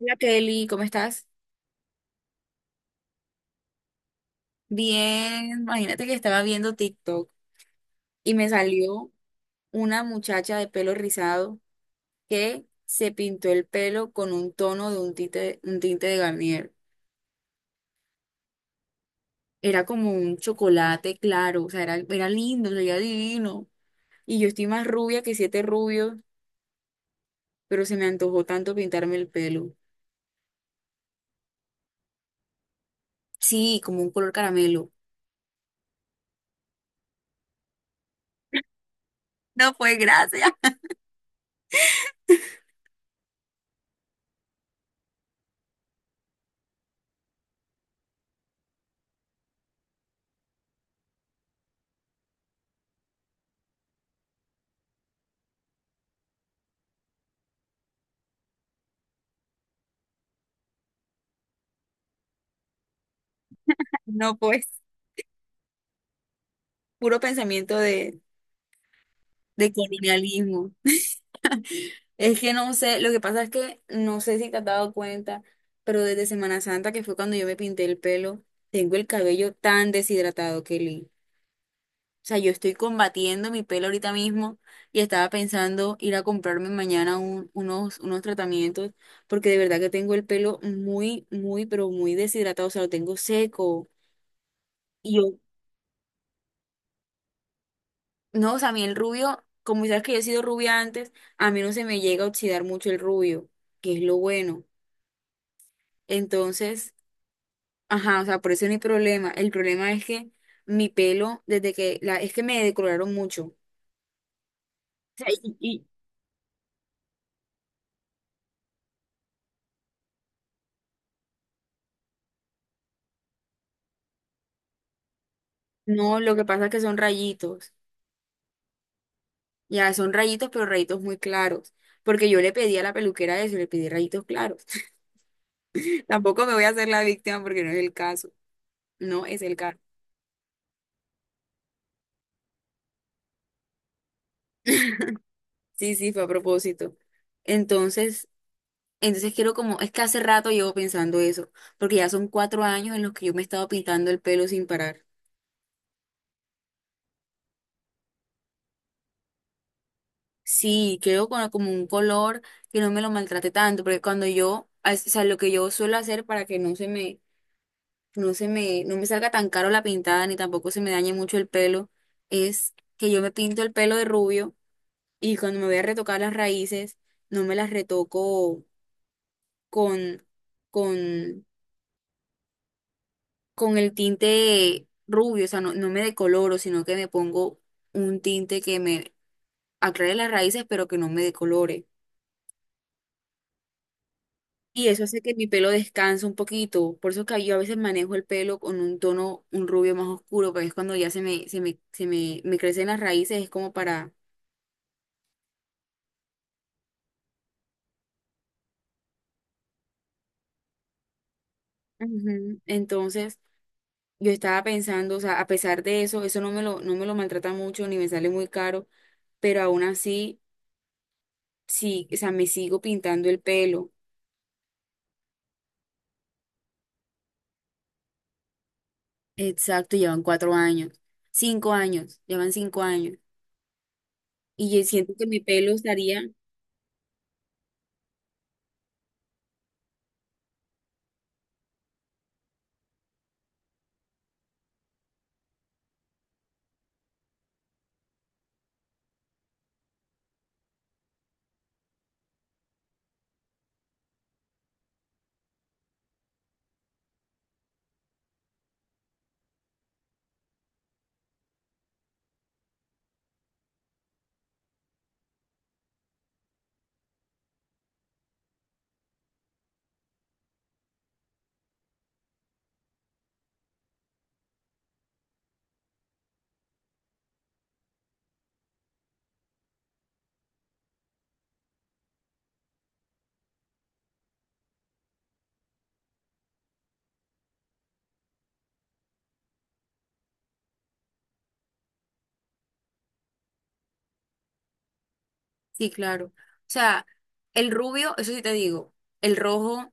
Hola Kelly, ¿cómo estás? Bien, imagínate que estaba viendo TikTok y me salió una muchacha de pelo rizado que se pintó el pelo con un tono de un tinte de Garnier. Era como un chocolate claro, o sea, era lindo, se veía divino. Y yo estoy más rubia que siete rubios, pero se me antojó tanto pintarme el pelo. Sí, como un color caramelo. No, pues gracias. No, pues, puro pensamiento de colonialismo. Es que no sé, lo que pasa es que no sé si te has dado cuenta, pero desde Semana Santa, que fue cuando yo me pinté el pelo, tengo el cabello tan deshidratado, Kelly. O sea, yo estoy combatiendo mi pelo ahorita mismo y estaba pensando ir a comprarme mañana unos tratamientos, porque de verdad que tengo el pelo muy, muy, pero muy deshidratado, o sea, lo tengo seco. Y yo, no, o sea, a mí el rubio, como sabes que yo he sido rubia antes, a mí no se me llega a oxidar mucho el rubio, que es lo bueno. Entonces. Ajá, o sea, por eso no hay problema. El problema es que mi pelo, es que me decoloraron mucho. O sea, no, lo que pasa es que son rayitos. Ya, son rayitos, pero rayitos muy claros. Porque yo le pedí a la peluquera eso, le pedí rayitos claros. Tampoco me voy a hacer la víctima porque no es el caso. No es el caso. Sí, sí, fue a propósito. Entonces, entonces quiero como, es que hace rato llevo pensando eso, porque ya son 4 años en los que yo me he estado pintando el pelo sin parar. Sí, quiero con como un color que no me lo maltrate tanto, porque o sea, lo que yo suelo hacer para que no me salga tan caro la pintada ni tampoco se me dañe mucho el pelo, es que yo me pinto el pelo de rubio y cuando me voy a retocar las raíces, no me las retoco con, con, con el tinte rubio, o sea, no, no me decoloro, sino que me pongo un tinte que me aclare las raíces, pero que no me decolore. Y eso hace que mi pelo descanse un poquito. Por eso que yo a veces manejo el pelo con un tono, un rubio más oscuro, porque es cuando ya me crecen las raíces, es como para. Ujú. Entonces, yo estaba pensando, o sea, a pesar de eso, eso no me lo maltrata mucho, ni me sale muy caro, pero aún así, sí, o sea, me sigo pintando el pelo. Exacto, llevan 4 años, 5 años, llevan 5 años. Y yo siento que mi pelo estaría. Sí, claro. O sea, el rubio, eso sí te digo, el rojo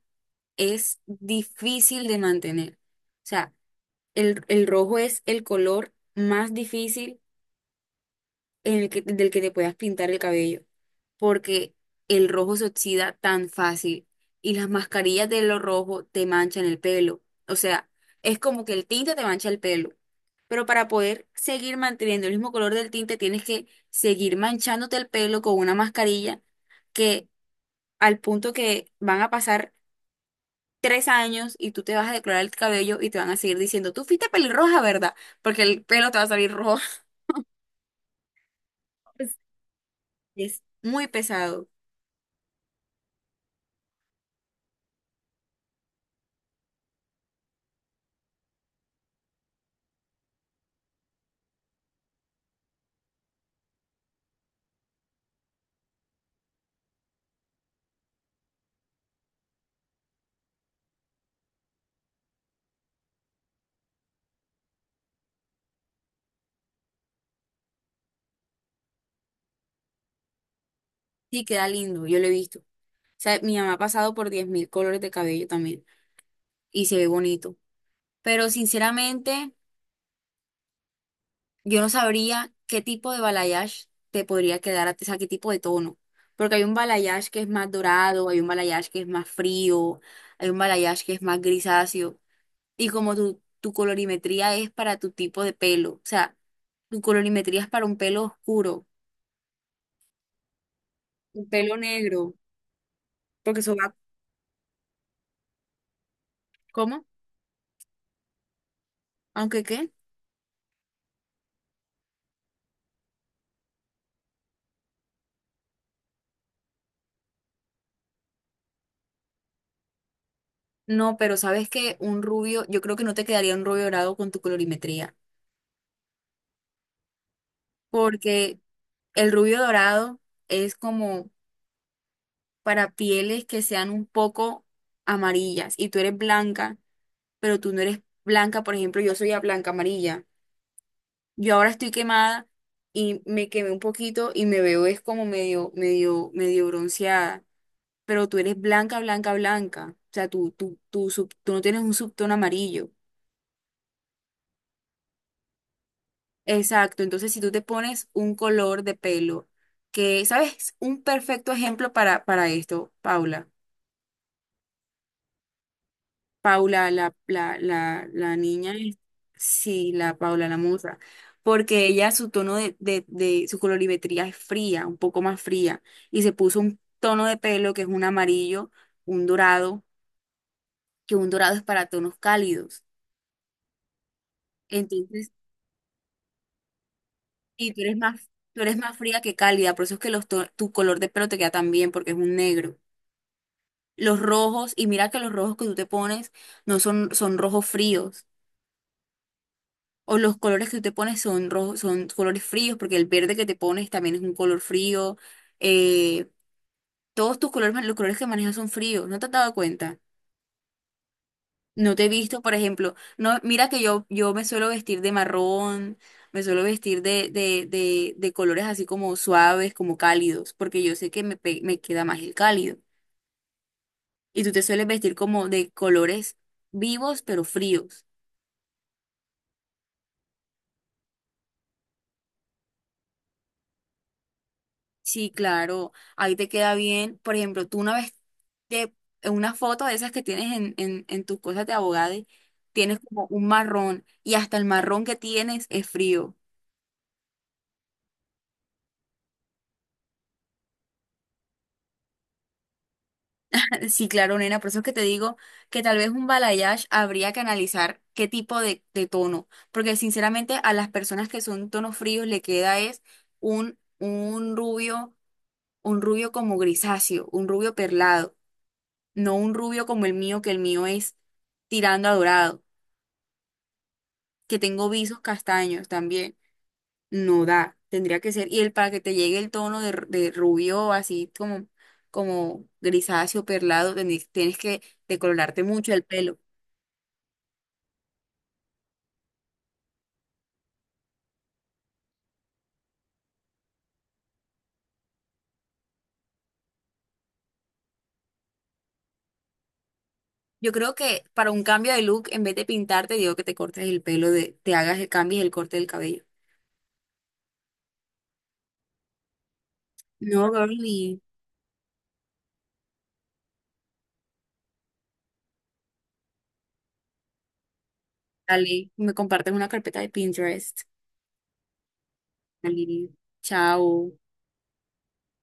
es difícil de mantener. O sea, el rojo es el color más difícil en el que, del que te puedas pintar el cabello, porque el rojo se oxida tan fácil y las mascarillas de lo rojo te manchan el pelo. O sea, es como que el tinte te mancha el pelo. Pero para poder seguir manteniendo el mismo color del tinte, tienes que seguir manchándote el pelo con una mascarilla que al punto que van a pasar 3 años y tú te vas a decolorar el cabello y te van a seguir diciendo, tú fuiste pelirroja, ¿verdad? Porque el pelo te va a salir rojo. Es muy pesado. Sí, queda lindo, yo lo he visto. O sea, mi mamá ha pasado por 10.000 colores de cabello también y se ve bonito. Pero sinceramente, yo no sabría qué tipo de balayage te podría quedar, o sea, qué tipo de tono. Porque hay un balayage que es más dorado, hay un balayage que es más frío, hay un balayage que es más grisáceo. Y como tu colorimetría es para tu tipo de pelo, o sea, tu colorimetría es para un pelo oscuro, un pelo negro, porque eso va, ¿cómo? Aunque qué, no, pero sabes que un rubio, yo creo que no te quedaría un rubio dorado con tu colorimetría, porque el rubio dorado es como para pieles que sean un poco amarillas y tú eres blanca, pero tú no eres blanca, por ejemplo, yo soy a blanca amarilla. Yo ahora estoy quemada y me quemé un poquito y me veo es como medio, medio, medio bronceada. Pero tú eres blanca, blanca, blanca. O sea, tú no tienes un subtono amarillo. Exacto. Entonces, si tú te pones un color de pelo que, ¿sabes? Un perfecto ejemplo para esto, Paula. Paula, la niña es, sí, la Paula, la musa, porque ella, su tono de, su colorimetría es fría, un poco más fría, y se puso un tono de pelo que es un amarillo, un dorado, que un dorado es para tonos cálidos. Entonces, sí tú eres más fría que cálida, por eso es que tu color de pelo te queda tan bien, porque es un negro. Los rojos, y mira que los rojos que tú te pones no son, son rojos fríos. O los colores que tú te pones son rojos, son colores fríos, porque el verde que te pones también es un color frío. Eh, Todos tus colores, los colores que manejas son fríos, ¿no te has dado cuenta? No te he visto, por ejemplo, no, mira que yo, me suelo vestir de marrón, me suelo vestir de colores así como suaves, como cálidos, porque yo sé que me queda más el cálido. Y tú te sueles vestir como de colores vivos, pero fríos. Sí, claro, ahí te queda bien. Por ejemplo, tú una vez te, en una foto de esas que tienes en, en tus cosas de abogado, tienes como un marrón y hasta el marrón que tienes es frío. Sí, claro, nena, por eso es que te digo que tal vez un balayage habría que analizar qué tipo de, tono, porque sinceramente a las personas que son tonos fríos le queda es un rubio, un rubio como grisáceo, un rubio perlado, no un rubio como el mío, que el mío es tirando a dorado. Que tengo visos castaños también. No da, tendría que ser. Y el para que te llegue el tono de, rubio, así como grisáceo, perlado, tienes que decolorarte mucho el pelo. Yo creo que para un cambio de look, en vez de pintarte, digo que te cortes el pelo, te hagas el cambio y el corte del cabello. No, girly, dale, me compartes una carpeta de Pinterest. Dale, chao.